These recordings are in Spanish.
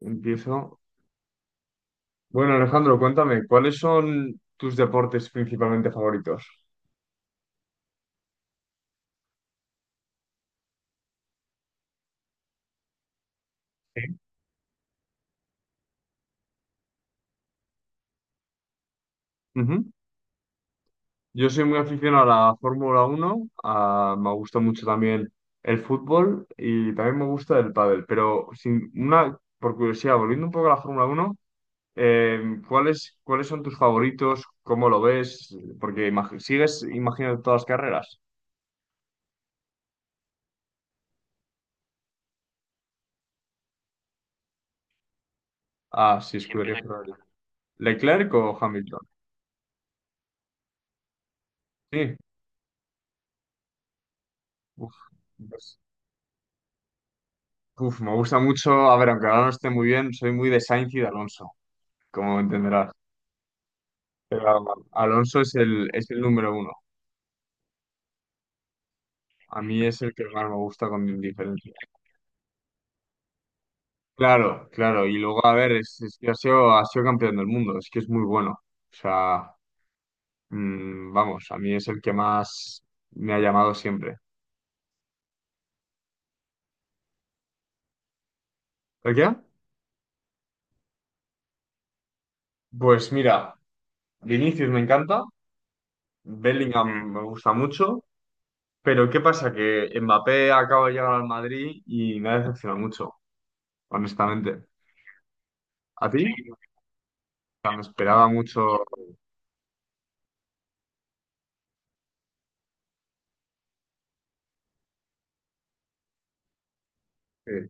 Empiezo. Bueno, Alejandro, cuéntame, ¿cuáles son tus deportes principalmente favoritos? Sí. Ujú. Yo soy muy aficionado a la Fórmula Uno, me gusta mucho también el fútbol y también me gusta el pádel, pero sin una, por curiosidad, volviendo un poco a la Fórmula Uno, cuáles son tus favoritos? ¿Cómo lo ves? Porque sigues imaginando todas las carreras. Ah, sí, escudería Ferrari. ¿Leclerc o Hamilton? Sí. Uf. Pues uf, me gusta mucho, a ver, aunque ahora no esté muy bien, soy muy de Sainz y de Alonso, como entenderás. Pero Alonso es es el número uno. A mí es el que más me gusta con diferencia. Claro, claro. Y luego, a ver, es que ha sido campeón del mundo, es que es muy bueno. O sea, mm, vamos, a mí es el que más me ha llamado siempre. ¿El qué? Pues mira, Vinicius me encanta, Bellingham me gusta mucho, pero ¿qué pasa? Que Mbappé acaba de llegar al Madrid y me ha decepcionado mucho. Honestamente. ¿A ti? O sea, me esperaba mucho. eh,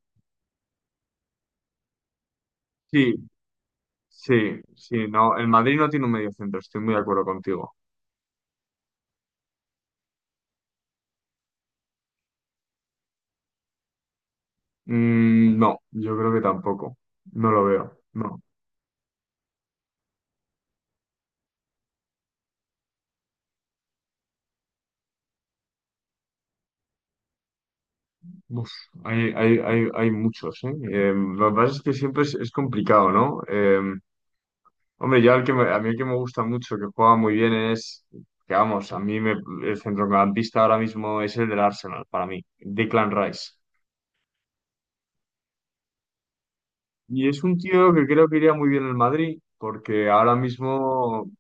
Sí, sí, sí, no. El Madrid no tiene un medio centro, estoy muy de acuerdo contigo. Mm, no, yo creo que tampoco. No lo veo, no. Uf, hay muchos, ¿eh? Lo que pasa es que siempre es complicado, ¿no? Hombre, yo al que a mí el que me gusta mucho, que juega muy bien es, que vamos, a mí me, el centrocampista ahora mismo es el del Arsenal, para mí, Declan Rice. Y es un tío que creo que iría muy bien en Madrid, porque ahora mismo,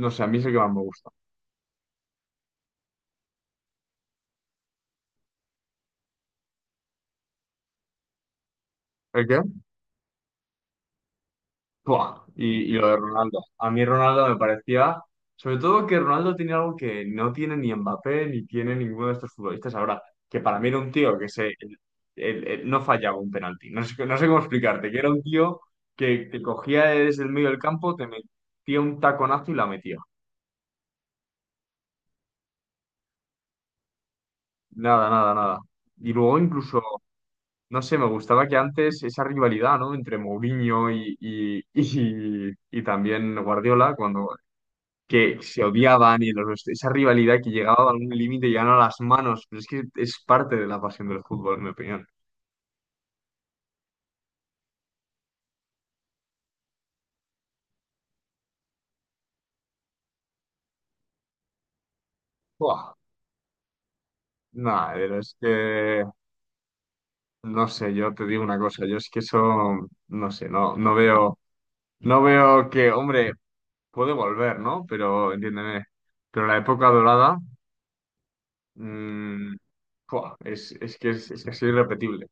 no sé, a mí es el que más me gusta. ¿El qué? Buah. Y lo de Ronaldo. A mí Ronaldo me parecía, sobre todo que Ronaldo tiene algo que no tiene ni Mbappé ni tiene ninguno de estos futbolistas ahora, que para mí era un tío que se, el- no fallaba un penalti. No sé, no sé cómo explicarte, que era un tío que te cogía desde el medio del campo, te metía un taconazo y la metía. Nada, nada, nada. Y luego incluso no sé, me gustaba que antes esa rivalidad, ¿no? Entre Mourinho y también Guardiola, cuando que se odiaban esa rivalidad que llegaba a algún límite y llegaban a las manos, pero es que es parte de la pasión del fútbol, en mi opinión. Buah, nada, pero es que, no sé, yo te digo una cosa, yo es que eso, no sé, no, no veo, no veo que, hombre, puede volver, ¿no? Pero, entiéndeme, pero la época dorada, mm, buah, es casi irrepetible.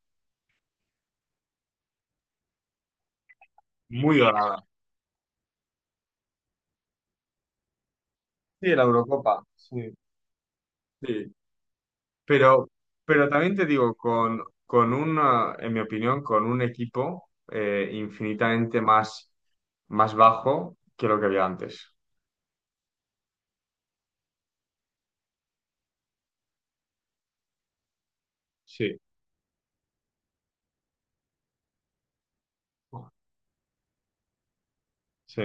Muy dorada. Sí, la Eurocopa, sí. Sí, pero, pero también te digo, con una, en mi opinión, con un equipo infinitamente más bajo que lo que había antes. Sí, sí,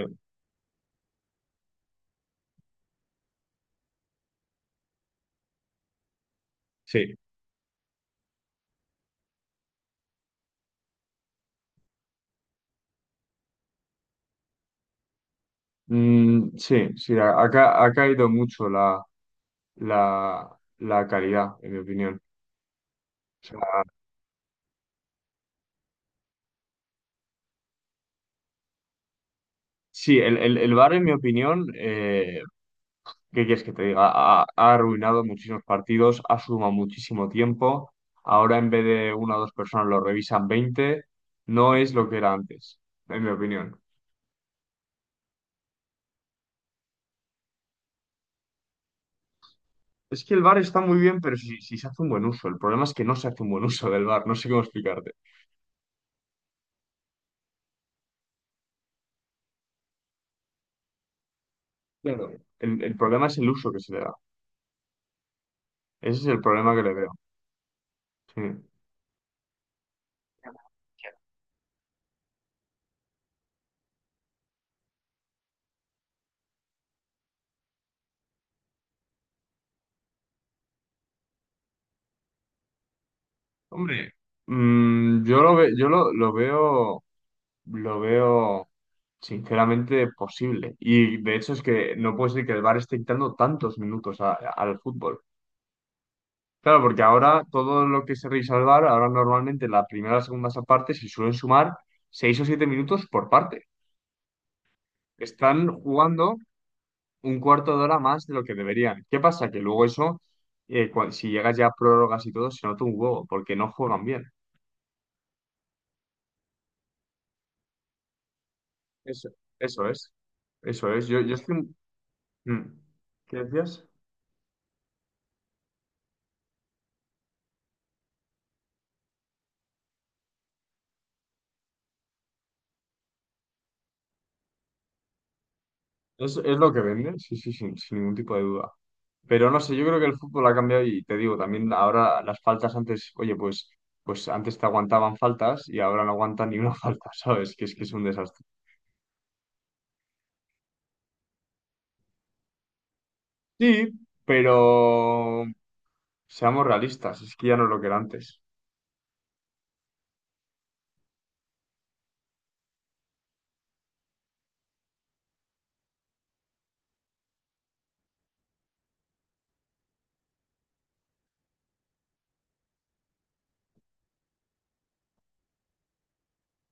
sí. Mm, sí, sí, ha caído mucho la calidad, en mi opinión. O sea, sí, el VAR, en mi opinión, ¿qué quieres que te diga? Ha arruinado muchísimos partidos, ha sumado muchísimo tiempo. Ahora en vez de una o dos personas lo revisan 20. No es lo que era antes, en mi opinión. Es que el VAR está muy bien, pero si se hace un buen uso. El problema es que no se hace un buen uso del VAR, no sé cómo explicarte. Claro. El problema es el uso que se le da. Ese es el problema que le veo. Sí. Hombre, mm, yo lo veo. Lo veo sinceramente posible. Y de hecho es que no puede ser que el VAR esté quitando tantos minutos al fútbol. Claro, porque ahora todo lo que se revisa al VAR, ahora normalmente la primera o la segunda parte se suelen sumar 6 o 7 minutos por parte. Están jugando un cuarto de hora más de lo que deberían. ¿Qué pasa? Que luego eso, si llegas ya a prórrogas y todo, se nota un huevo, porque no juegan bien. Eso, eso es. Eso es. Yo estoy... Mm. ¿Qué decías? Es lo que vende, sí, sí, sin, sin ningún tipo de duda. Pero no sé, yo creo que el fútbol ha cambiado y te digo, también ahora las faltas antes, oye, pues, pues antes te aguantaban faltas y ahora no aguantan ni una falta, ¿sabes? Que es un desastre. Sí, pero seamos realistas, es que ya no es lo que era antes.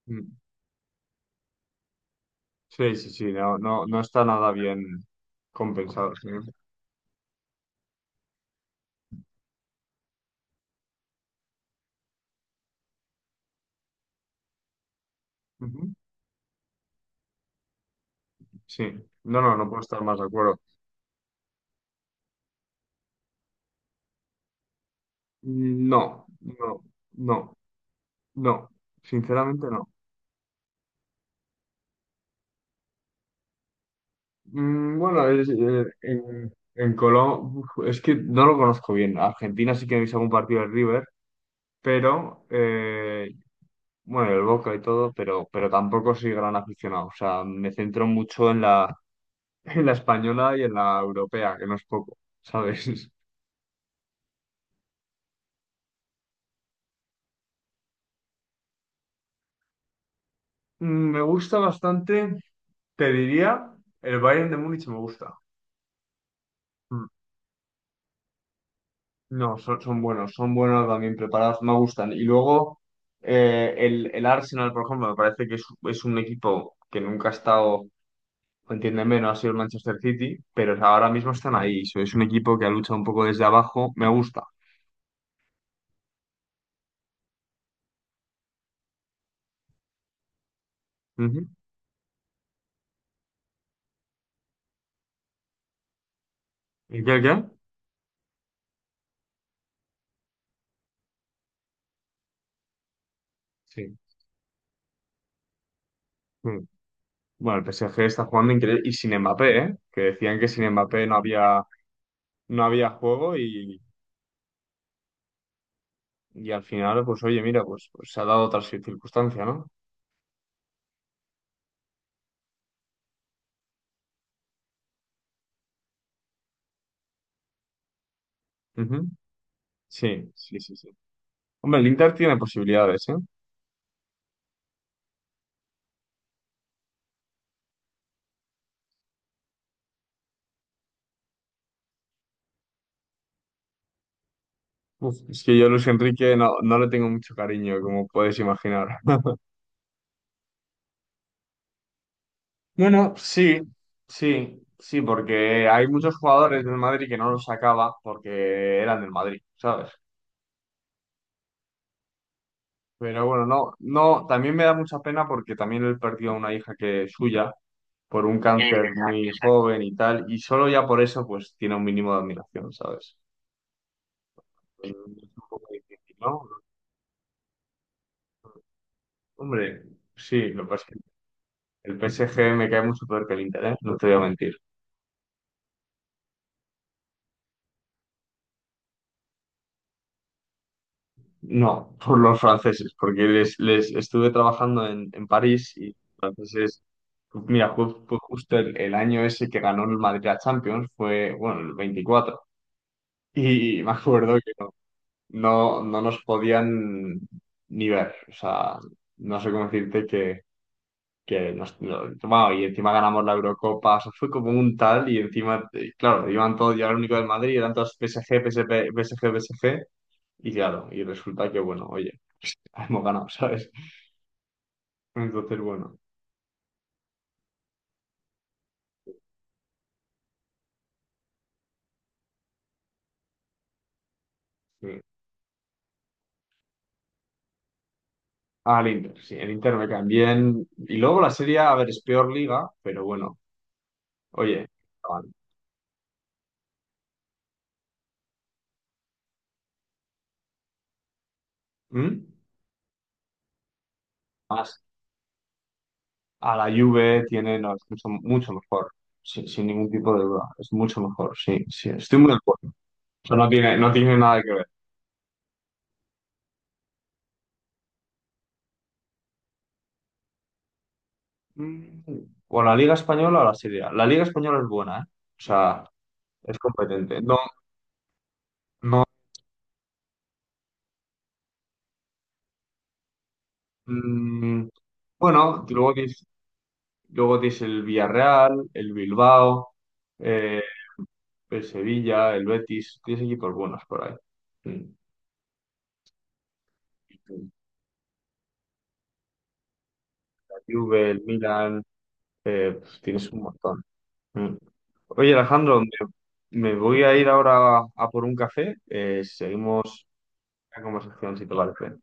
Mm. Sí, sí, sí, no, no, no está nada bien compensado, sí. Ujú. Sí, no, no, no puedo estar más de acuerdo. No, no, no, no, sinceramente no. Mm, bueno, en Colombia es que no lo conozco bien. Argentina sí que he visto algún partido del River, pero bueno, el Boca y todo, pero tampoco soy gran aficionado. O sea, me centro mucho en la, en la española y en la europea, que no es poco, ¿sabes? Mm, me gusta bastante, te diría, el Bayern de Múnich me gusta. Mm, no, son, son buenos también preparados, me gustan. Y luego el Arsenal, por ejemplo, me parece que es un equipo que nunca ha estado, entiéndeme, no ha sido el Manchester City, pero ahora mismo están ahí. So, es un equipo que ha luchado un poco desde abajo, me gusta. Ujú. Qué? Sí. Mm. Bueno, el PSG está jugando increíble y sin Mbappé, ¿eh? Que decían que sin Mbappé no había, no había juego y al final, pues oye, mira, pues, pues se ha dado otra circunstancia, ¿no? Ujú. Sí, sí, sí, sí. Hombre, el Inter tiene posibilidades, ¿eh? Uf, es que yo a Luis Enrique no, no le tengo mucho cariño, como puedes imaginar. Bueno, sí, sí, sí, porque hay muchos jugadores del Madrid que no los sacaba porque eran del Madrid, ¿sabes? Pero bueno, no, no, también me da mucha pena porque también él perdió a una hija que es suya por un cáncer muy joven y tal, y solo ya por eso pues tiene un mínimo de admiración, ¿sabes? Es un poco difícil, ¿no? Hombre, sí, lo que pasa. El PSG me cae mucho peor que el Inter, ¿eh? No te voy a mentir. No, por los franceses, porque les estuve trabajando en París y entonces, mira, fue justo el año ese que ganó el Madrid a Champions, fue, bueno, el 24. Y me acuerdo que no, no, no nos podían ni ver. O sea, no sé cómo decirte que nos, no- bueno, y encima ganamos la Eurocopa. O sea, fue como un tal y encima, claro, iban todos, ya era el único del Madrid, eran todos PSG, PSG, PSG, PSG. Y claro, y resulta que, bueno, oye, hemos ganado, ¿sabes? Entonces, bueno, sí. Al Inter, sí, el Inter me caen bien. Y luego la serie, a ver, es peor liga, pero bueno, oye, estaban- ¿Mm? Más a la Juve tiene, no, es mucho, mucho mejor, sin, sin ningún tipo de duda, es mucho mejor, sí, sí, estoy muy de acuerdo. Eso no tiene, no tiene nada que ver. Mm, ¿o la Liga Española o la Serie A? La Liga Española es buena, ¿eh? O sea, es competente. No, no. Mm, bueno, luego tienes el Villarreal, el Bilbao, eh, el Sevilla, el Betis, tienes equipos buenos por ahí. Mm. La Juve, el Milan, pues tienes un montón. Mm. Oye, Alejandro, me voy a ir ahora a, por un café. Eh, seguimos la conversación si te parece.